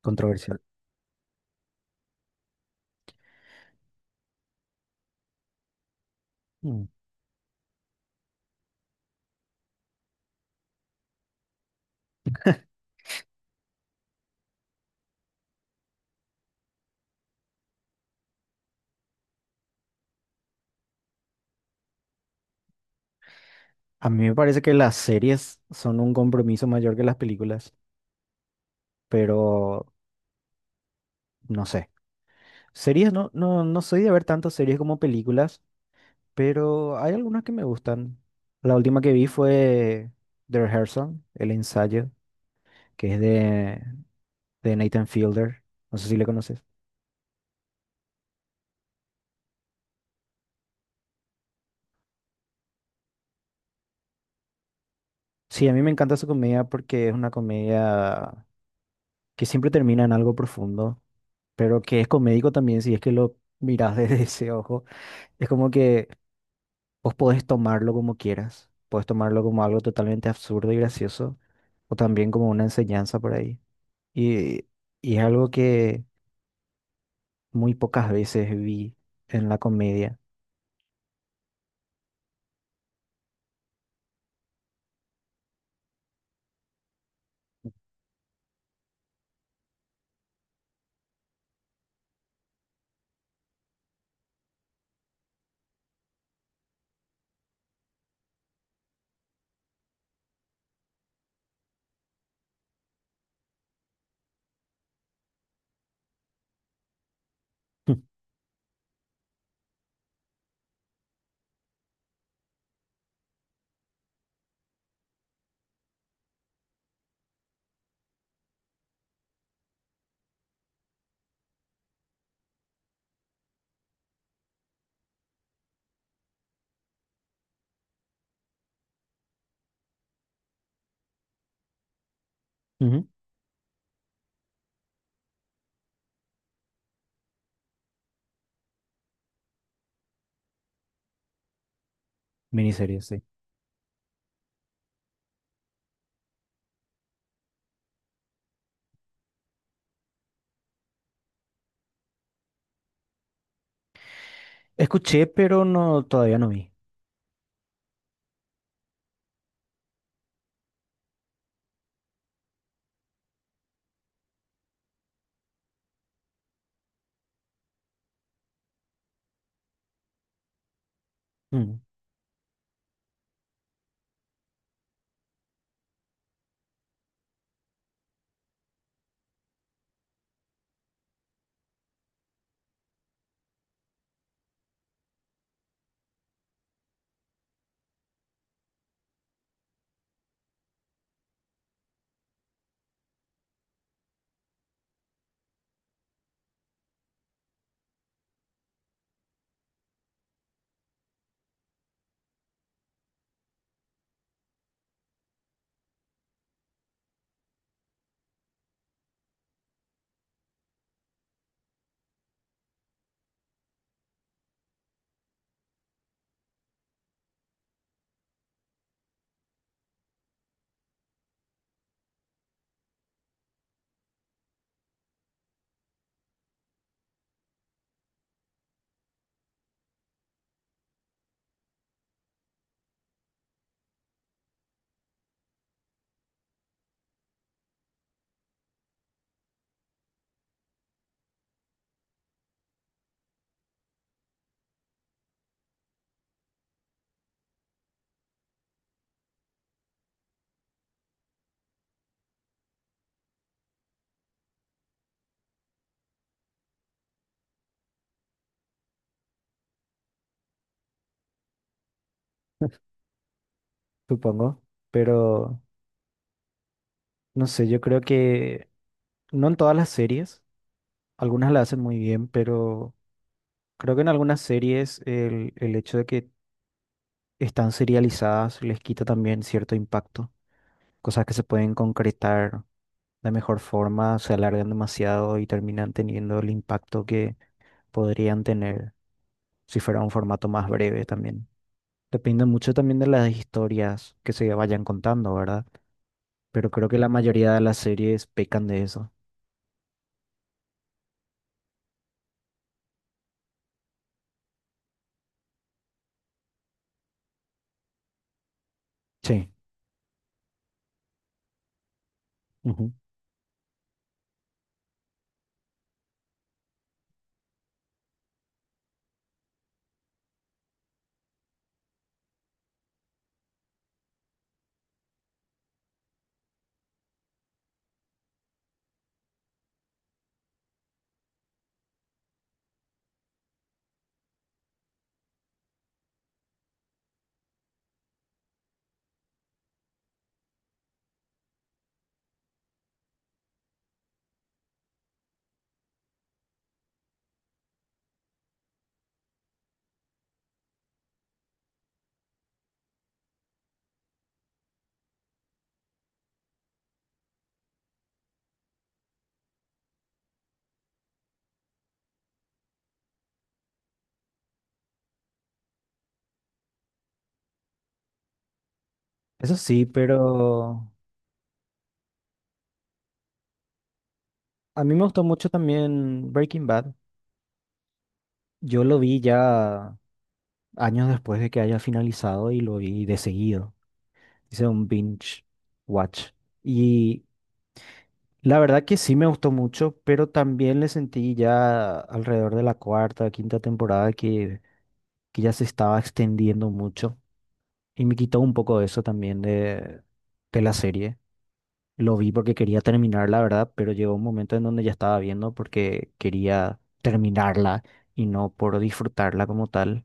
Controversial. Mm. A mí me parece que las series son un compromiso mayor que las películas, pero no sé. Series, no soy de ver tantas series como películas, pero hay algunas que me gustan. La última que vi fue The Rehearsal, El ensayo, que es de, de Nathan Fielder. No sé si le conoces. Sí, a mí me encanta su comedia porque es una comedia que siempre termina en algo profundo, pero que es comédico también si es que lo miras desde ese ojo. Es como que vos podés tomarlo como quieras, podés tomarlo como algo totalmente absurdo y gracioso, o también como una enseñanza por ahí. Y, y es algo que muy pocas veces vi en la comedia. Ujú. Miniseries, sí. Escuché, pero no, todavía no vi. Mm. Supongo. Pero no sé, yo creo que no en todas las series, algunas la hacen muy bien, pero creo que en algunas series el hecho de que están serializadas les quita también cierto impacto. Cosas que se pueden concretar de mejor forma se alargan demasiado y terminan teniendo el impacto que podrían tener si fuera un formato más breve también. Depende mucho también de las historias que se vayan contando, ¿verdad? Pero creo que la mayoría de las series pecan de eso. Sí. Ujú. Eso sí, pero a mí me gustó mucho también Breaking Bad. Yo lo vi ya años después de que haya finalizado y lo vi de seguido. Hice un binge watch. Y la verdad que sí me gustó mucho, pero también le sentí ya alrededor de la cuarta, quinta temporada que ya se estaba extendiendo mucho y me quitó un poco de eso también de la serie. Lo vi porque quería terminar, la verdad, pero llegó un momento en donde ya estaba viendo porque quería terminarla y no por disfrutarla como tal.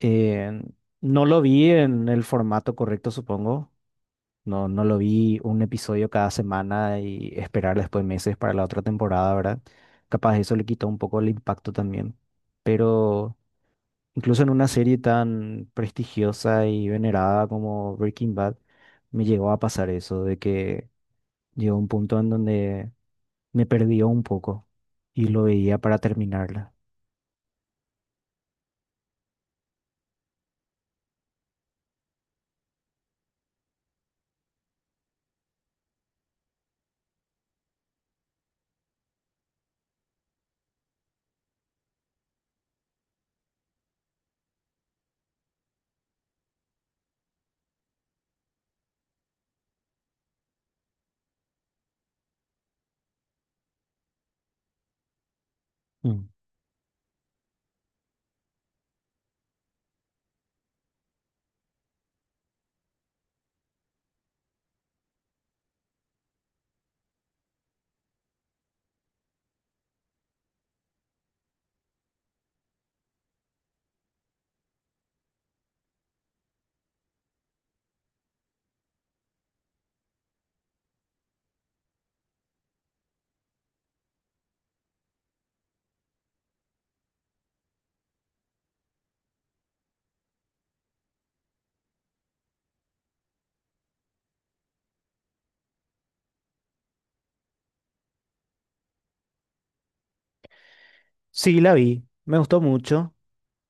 Eh, no lo vi en el formato correcto, supongo. No, no lo vi un episodio cada semana y esperar después meses para la otra temporada, ¿verdad? Capaz eso le quitó un poco el impacto también. Pero incluso en una serie tan prestigiosa y venerada como Breaking Bad, me llegó a pasar eso, de que llegó un punto en donde me perdió un poco y lo veía para terminarla. Mm. Sí, la vi, me gustó mucho.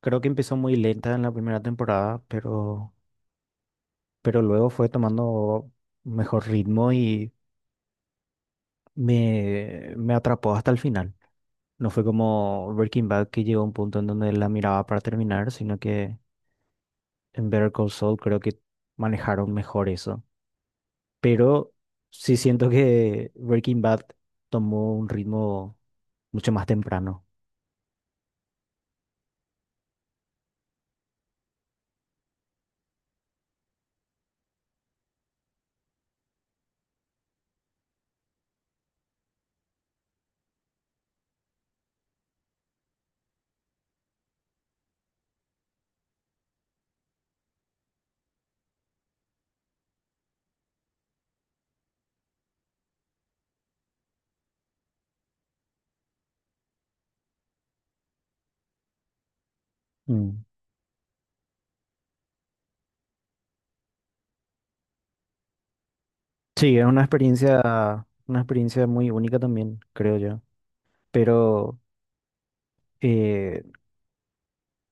Creo que empezó muy lenta en la primera temporada, pero luego fue tomando mejor ritmo y me atrapó hasta el final. No fue como Breaking Bad que llegó a un punto en donde la miraba para terminar, sino que en Better Call Saul creo que manejaron mejor eso. Pero sí siento que Breaking Bad tomó un ritmo mucho más temprano. Mm. Sí, es una experiencia muy única también, creo yo. Pero eh,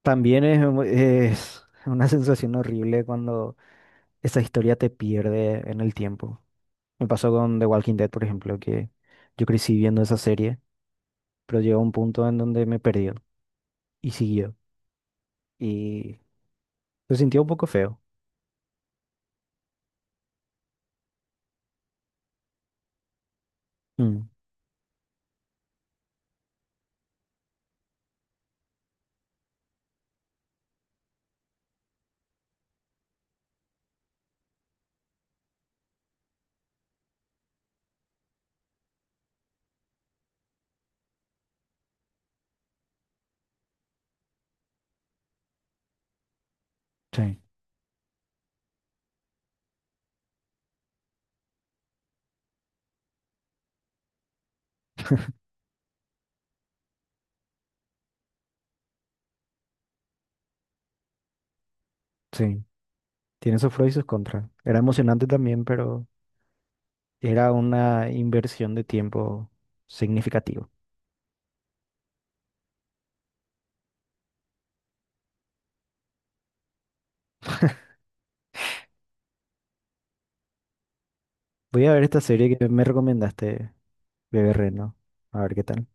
también es una sensación horrible cuando esa historia te pierde en el tiempo. Me pasó con The Walking Dead, por ejemplo, que yo crecí viendo esa serie, pero llegó un punto en donde me perdió y siguió. Y se sintió un poco feo. Mm, sí, sí. Tiene sus pros y sus contras. Era emocionante también, pero era una inversión de tiempo significativa. Voy a ver esta serie que me recomendaste, Bebé Reno. A ver qué tal.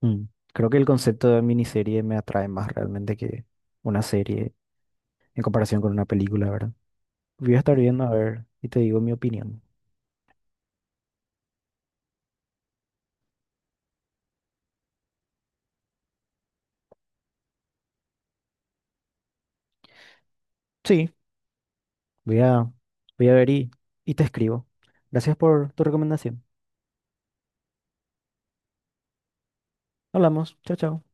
Mm. Creo que el concepto de miniserie me atrae más realmente que una serie en comparación con una película, ¿verdad? Voy a estar viendo a ver y te digo mi opinión. Sí, voy a, voy a ver y te escribo. Gracias por tu recomendación. Hablamos. Chao, chao.